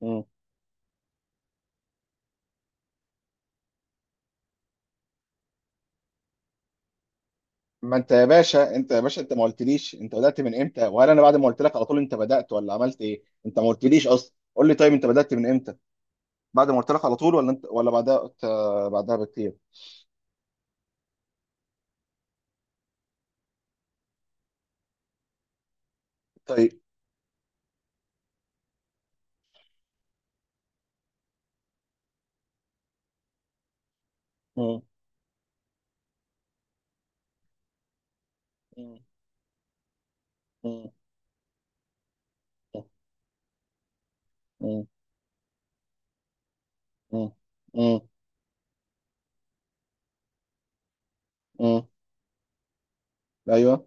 مم. ما انت يا باشا انت ما قلتليش انت بدأت من امتى، وهل انا بعد ما قلت لك على طول انت بدأت ولا عملت ايه؟ انت ما قلتليش اصلا. قول لي، طيب انت بدأت من امتى؟ بعد ما قلت لك على طول ولا انت ولا بعدها بعدها بكتير؟ طيب. مم. مم. مم. مم. مم. مم. مم. ايوه.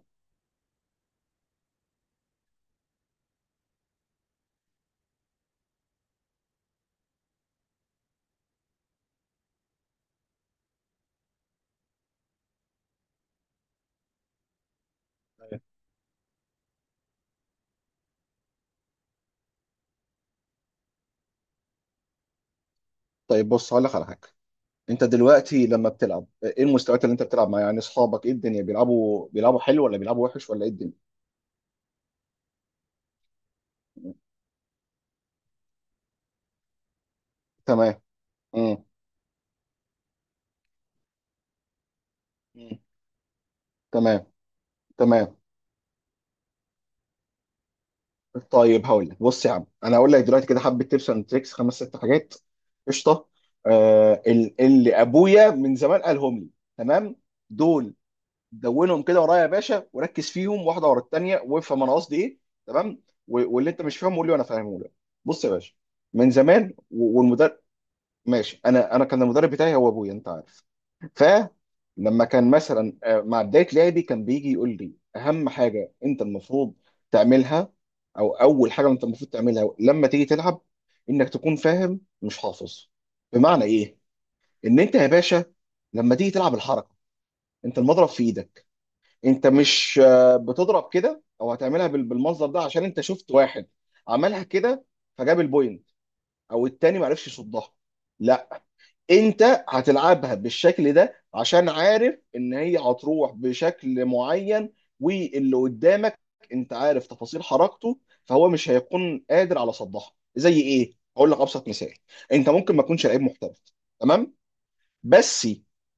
أيوة. طيب بص، هقول لك على حاجه. انت دلوقتي لما بتلعب، ايه المستويات اللي انت بتلعب معاها؟ يعني اصحابك، ايه الدنيا، بيلعبوا حلو ولا بيلعبوا وحش ولا ايه الدنيا؟ تمام. مم. مم. تمام. تمام. طيب هقول لك، بص يا عم، انا هقول لك دلوقتي كده حبه تيبس اند تريكس، 5-6 حاجات. قشطه. اللي ابويا من زمان قالهم لي. تمام. دول، دونهم كده ورايا يا باشا وركز فيهم، واحده ورا الثانيه، وافهم انا قصدي ايه. تمام. واللي انت مش فاهمه قول لي وانا فاهمه لك. بص يا باشا، من زمان والمدرب، ماشي، انا كان المدرب بتاعي هو ابويا، انت عارف. فلما كان مثلا مع بدايه لعبي كان بيجي يقول لي: اهم حاجه انت المفروض تعملها، او اول حاجه انت المفروض تعملها لما تيجي تلعب، انك تكون فاهم مش حافظ. بمعنى ايه؟ ان انت يا باشا لما تيجي تلعب الحركه، انت المضرب في ايدك، انت مش بتضرب كده او هتعملها بالمنظر ده عشان انت شفت واحد عملها كده فجاب البوينت، او التاني ما عرفش يصدها. انت هتلعبها بالشكل ده عشان عارف ان هي هتروح بشكل معين، واللي قدامك انت عارف تفاصيل حركته فهو مش هيكون قادر على صدها. زي ايه؟ هقول لك ابسط مثال. انت ممكن ما تكونش لعيب محترف، تمام، بس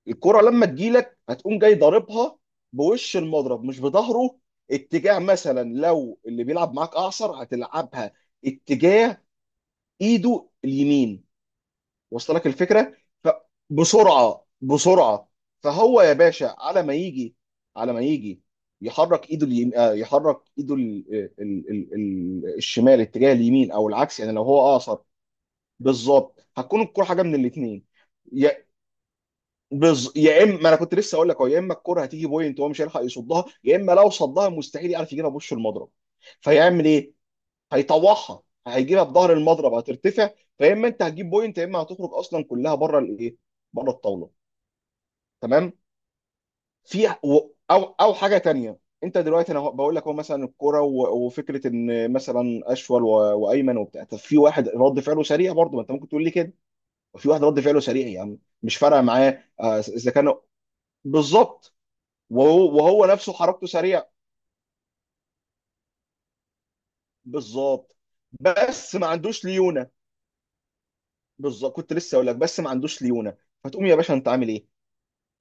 الكرة لما تجيلك هتقوم جاي ضاربها بوش المضرب مش بظهره، اتجاه. مثلا لو اللي بيلعب معاك اعصر هتلعبها اتجاه ايده اليمين. وصل لك الفكره؟ فبسرعه بسرعه، فهو يا باشا على ما يجي، على ما يجي، يحرك ايده اليم... آه، يحرك ايده الشمال اتجاه اليمين، او العكس يعني لو هو اقصر. بالظبط، هتكون الكره حاجه من الاثنين. يا يا اما، ما انا كنت لسه اقول لك اهو، يا اما الكره هتيجي بوينت وهو مش هيلحق يصدها، يا اما لو صدها مستحيل يعرف يجيبها بوش المضرب. فيعمل ايه؟ هيطوعها، هيجيبها بظهر المضرب، هترتفع. فيا اما انت هتجيب بوينت، يا اما هتخرج اصلا كلها بره الايه، بره الطاوله. تمام. في او حاجه تانية. انت دلوقتي انا بقول لك، هو مثلا الكوره وفكره ان مثلا اشول وايمن وبتاع. طب في واحد رد فعله سريع، برضه ما انت ممكن تقول لي كده، وفي واحد رد فعله سريع يا عم، مش فارقه معاه اذا كان. بالظبط. وهو نفسه حركته سريع. بالظبط، بس ما عندوش ليونه. بالظبط، كنت لسه اقول لك، بس ما عندوش ليونه. فتقوم يا باشا انت عامل ايه؟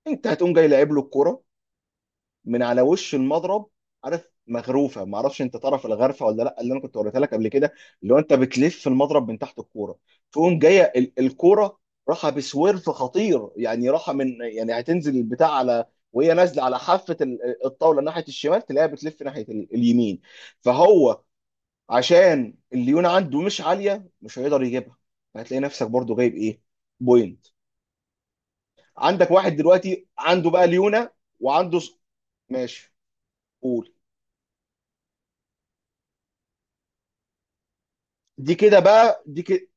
انت هتقوم جاي لاعب له الكرة من على وش المضرب. عارف مغروفه؟ ما اعرفش انت تعرف الغرفه ولا لا، اللي انا كنت وريتها لك قبل كده، اللي هو انت بتلف المضرب من تحت الكوره. تقوم جايه الكوره راحه بسويرف خطير، يعني راحه من، يعني هتنزل البتاع على، وهي نازله على حافه الطاوله ناحيه الشمال تلاقيها بتلف ناحيه اليمين. فهو عشان الليونه عنده مش عاليه مش هيقدر يجيبها، فهتلاقي نفسك برضو جايب ايه؟ بوينت. عندك واحد دلوقتي عنده بقى ليونه، وعنده ماشي، قول. دي كده بقى، دي كده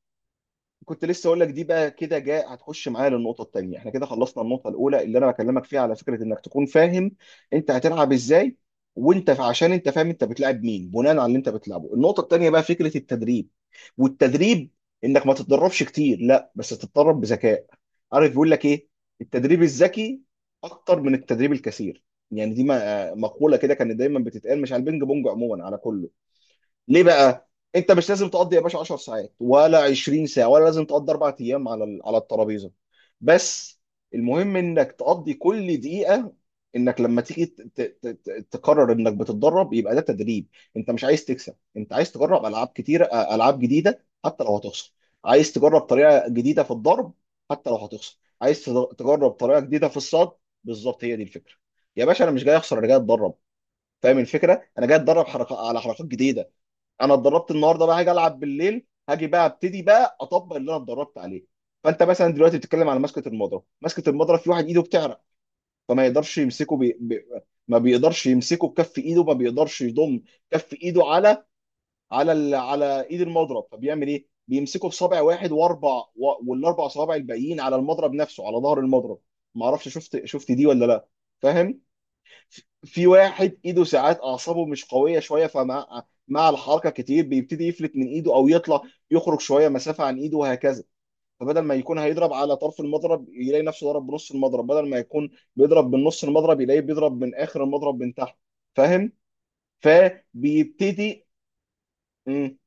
كنت لسه اقول لك، دي بقى كده جاء هتخش معايا للنقطه الثانيه. احنا كده خلصنا النقطه الاولى اللي انا بكلمك فيها، على فكره، انك تكون فاهم انت هتلعب ازاي، وانت عشان انت فاهم انت بتلعب مين بناء على اللي انت بتلعبه. النقطه الثانيه بقى فكره التدريب. والتدريب انك ما تتدربش كتير، لا، بس تتدرب بذكاء. عارف بيقول لك ايه؟ التدريب الذكي اكتر من التدريب الكثير. يعني دي مقوله كده كانت دايما بتتقال، مش على البينج بونج، عموما على كله. ليه بقى؟ انت مش لازم تقضي يا باشا 10 ساعات ولا 20 ساعه، ولا لازم تقضي 4 ايام على الترابيزه، بس المهم انك تقضي كل دقيقه، انك لما تيجي تقرر انك بتتدرب يبقى ده تدريب. انت مش عايز تكسب، انت عايز تجرب العاب كتيره، العاب جديده حتى لو هتخسر. عايز تجرب طريقه جديده في الضرب حتى لو هتخسر. عايز تجرب طريقه جديده في الصد. بالظبط، هي دي الفكره. يا باشا، انا مش جاي اخسر، انا جاي اتدرب. فاهم الفكره؟ انا جاي اتدرب حركه على حركات جديده. انا اتدربت النهارده، بقى هاجي العب بالليل، هاجي بقى ابتدي بقى اطبق اللي انا اتدربت عليه. فانت مثلا دلوقتي بتتكلم على مسكه المضرب. مسكه المضرب في واحد ايده بتعرق، فما يقدرش يمسكه ما بيقدرش يمسكه بكف ايده، ما بيقدرش يضم كف ايده على على ايد المضرب، فبيعمل ايه؟ بيمسكه بصابع واحد واربع والاربع صوابع الباقيين على المضرب نفسه، على ظهر المضرب. ما اعرفش شفت دي ولا لا. فاهم؟ في واحد ايده ساعات اعصابه مش قويه شويه، فمع الحركه كتير بيبتدي يفلت من ايده، او يطلع يخرج شويه مسافه عن ايده، وهكذا. فبدل ما يكون هيضرب على طرف المضرب يلاقي نفسه ضرب بنص المضرب، بدل ما يكون بيضرب من نص المضرب يلاقيه بيضرب من اخر المضرب من تحت. فاهم؟ فبيبتدي. مم.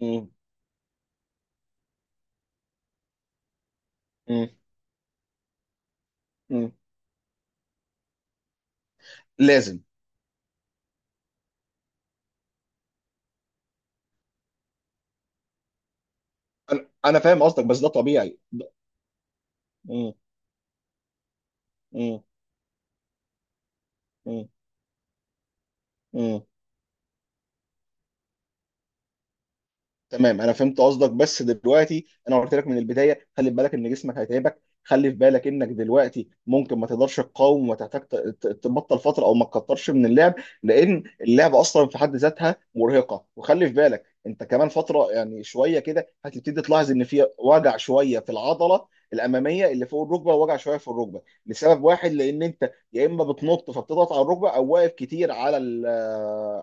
مم. مم. مم. لازم. انا فاهم قصدك، بس ده طبيعي مم. مم. مم. مم. تمام، انا فهمت قصدك. بس دلوقتي انا قلت لك من البدايه، خلي بالك ان جسمك هيتعبك، خلي في بالك انك دلوقتي ممكن ما تقدرش تقاوم وتحتاج تبطل فتره او ما تكترش من اللعب، لان اللعب اصلا في حد ذاتها مرهقه. وخلي في بالك انت كمان فتره يعني شويه كده هتبتدي تلاحظ ان في وجع شويه في العضله الاماميه اللي فوق الركبه، ووجع شويه في الركبه، لسبب واحد، لان انت يا اما بتنط فبتضغط على الركبه، او واقف كتير على ال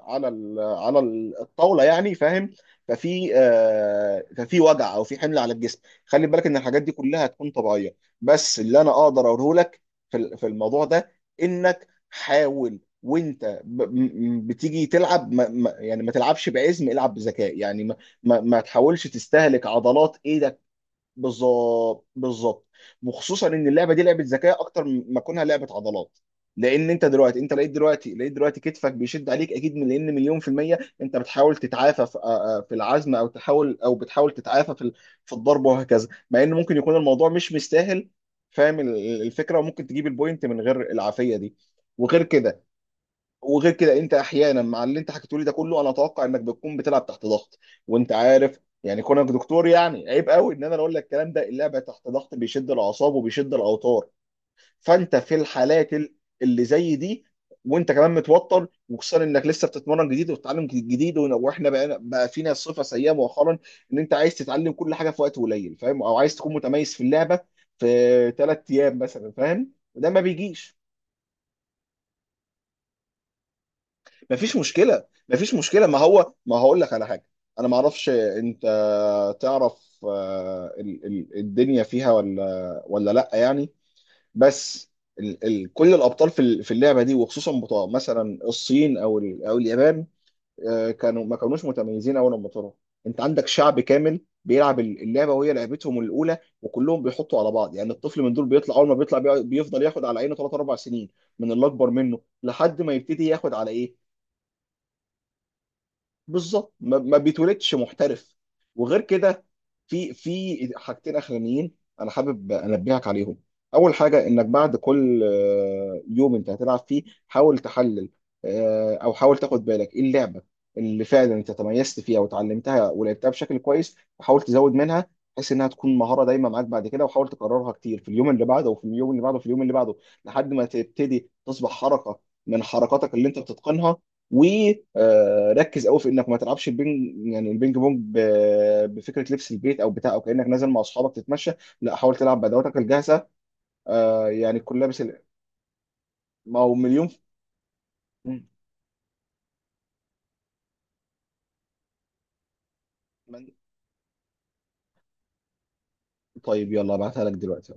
على ال على ال- الطاوله يعني. فاهم؟ ففي وجع او في حمل على الجسم. خلي بالك ان الحاجات دي كلها هتكون طبيعيه، بس اللي انا اقدر اقوله لك في في الموضوع ده، انك حاول وانت بتيجي تلعب يعني ما تلعبش بعزم. العب بذكاء، يعني ما تحاولش تستهلك عضلات ايه. بالظبط، بالظبط، وخصوصا ان اللعبه دي لعبه ذكاء اكتر ما كونها لعبه عضلات. لان انت دلوقتي انت لقيت دلوقتي كتفك بيشد عليك اكيد، من، لان مليون في الميه انت بتحاول تتعافى في في العزم، او بتحاول تتعافى في في الضرب وهكذا، مع ان ممكن يكون الموضوع مش مستاهل. فاهم الفكره؟ وممكن تجيب البوينت من غير العافيه دي. وغير كده وغير كده، انت احيانا مع اللي انت حكيته لي ده كله انا اتوقع انك بتكون بتلعب تحت ضغط. وانت عارف يعني كونك دكتور يعني عيب قوي ان انا اقول لك الكلام ده. اللعب تحت ضغط بيشد الاعصاب وبيشد الاوتار. فانت في الحالات اللي زي دي، وانت كمان متوتر، وخصوصا انك لسه بتتمرن جديد وبتتعلم جديد، واحنا بقى فينا صفه سيئه مؤخرا، ان انت عايز تتعلم كل حاجه في وقت قليل. فاهم؟ او عايز تكون متميز في اللعبه في 3 ايام مثلا. فاهم؟ وده ما بيجيش. مفيش مشكله، مفيش مشكله. ما هو ما هقول لك على حاجه. انا ما اعرفش انت تعرف الدنيا فيها ولا لا يعني. بس ال ال كل الابطال في في اللعبه دي، وخصوصا بتوع مثلا الصين او اليابان، كانوا ما كانوش متميزين اول لما طلعوا. انت عندك شعب كامل بيلعب اللعبه وهي لعبتهم الاولى، وكلهم بيحطوا على بعض، يعني الطفل من دول بيطلع اول ما بيطلع بيفضل ياخد على عينه 3-4 سنين من اللي اكبر منه، لحد ما يبتدي ياخد على ايه. بالظبط، ما بيتولدش محترف. وغير كده، في حاجتين اخرانيين انا حابب انبهك عليهم. اول حاجه، انك بعد كل يوم انت هتلعب فيه حاول تحلل، او حاول تاخد بالك ايه اللعبه اللي فعلا انت تميزت فيها وتعلمتها ولعبتها بشكل كويس، وحاول تزود منها بحيث انها تكون مهاره دايما معاك بعد كده، وحاول تكررها كتير في اليوم اللي بعده وفي اليوم اللي بعده وفي اليوم اللي بعده لحد ما تبتدي تصبح حركه من حركاتك اللي انت بتتقنها. وركز قوي في انك ما تلعبش البينج، يعني البينج بونج، بفكره لبس البيت او بتاع، او كانك نازل مع اصحابك تتمشى. لا، حاول تلعب بادواتك الجاهزه، يعني تكون لابس ما هو مليون مم. طيب، يلا ابعتها لك دلوقتي.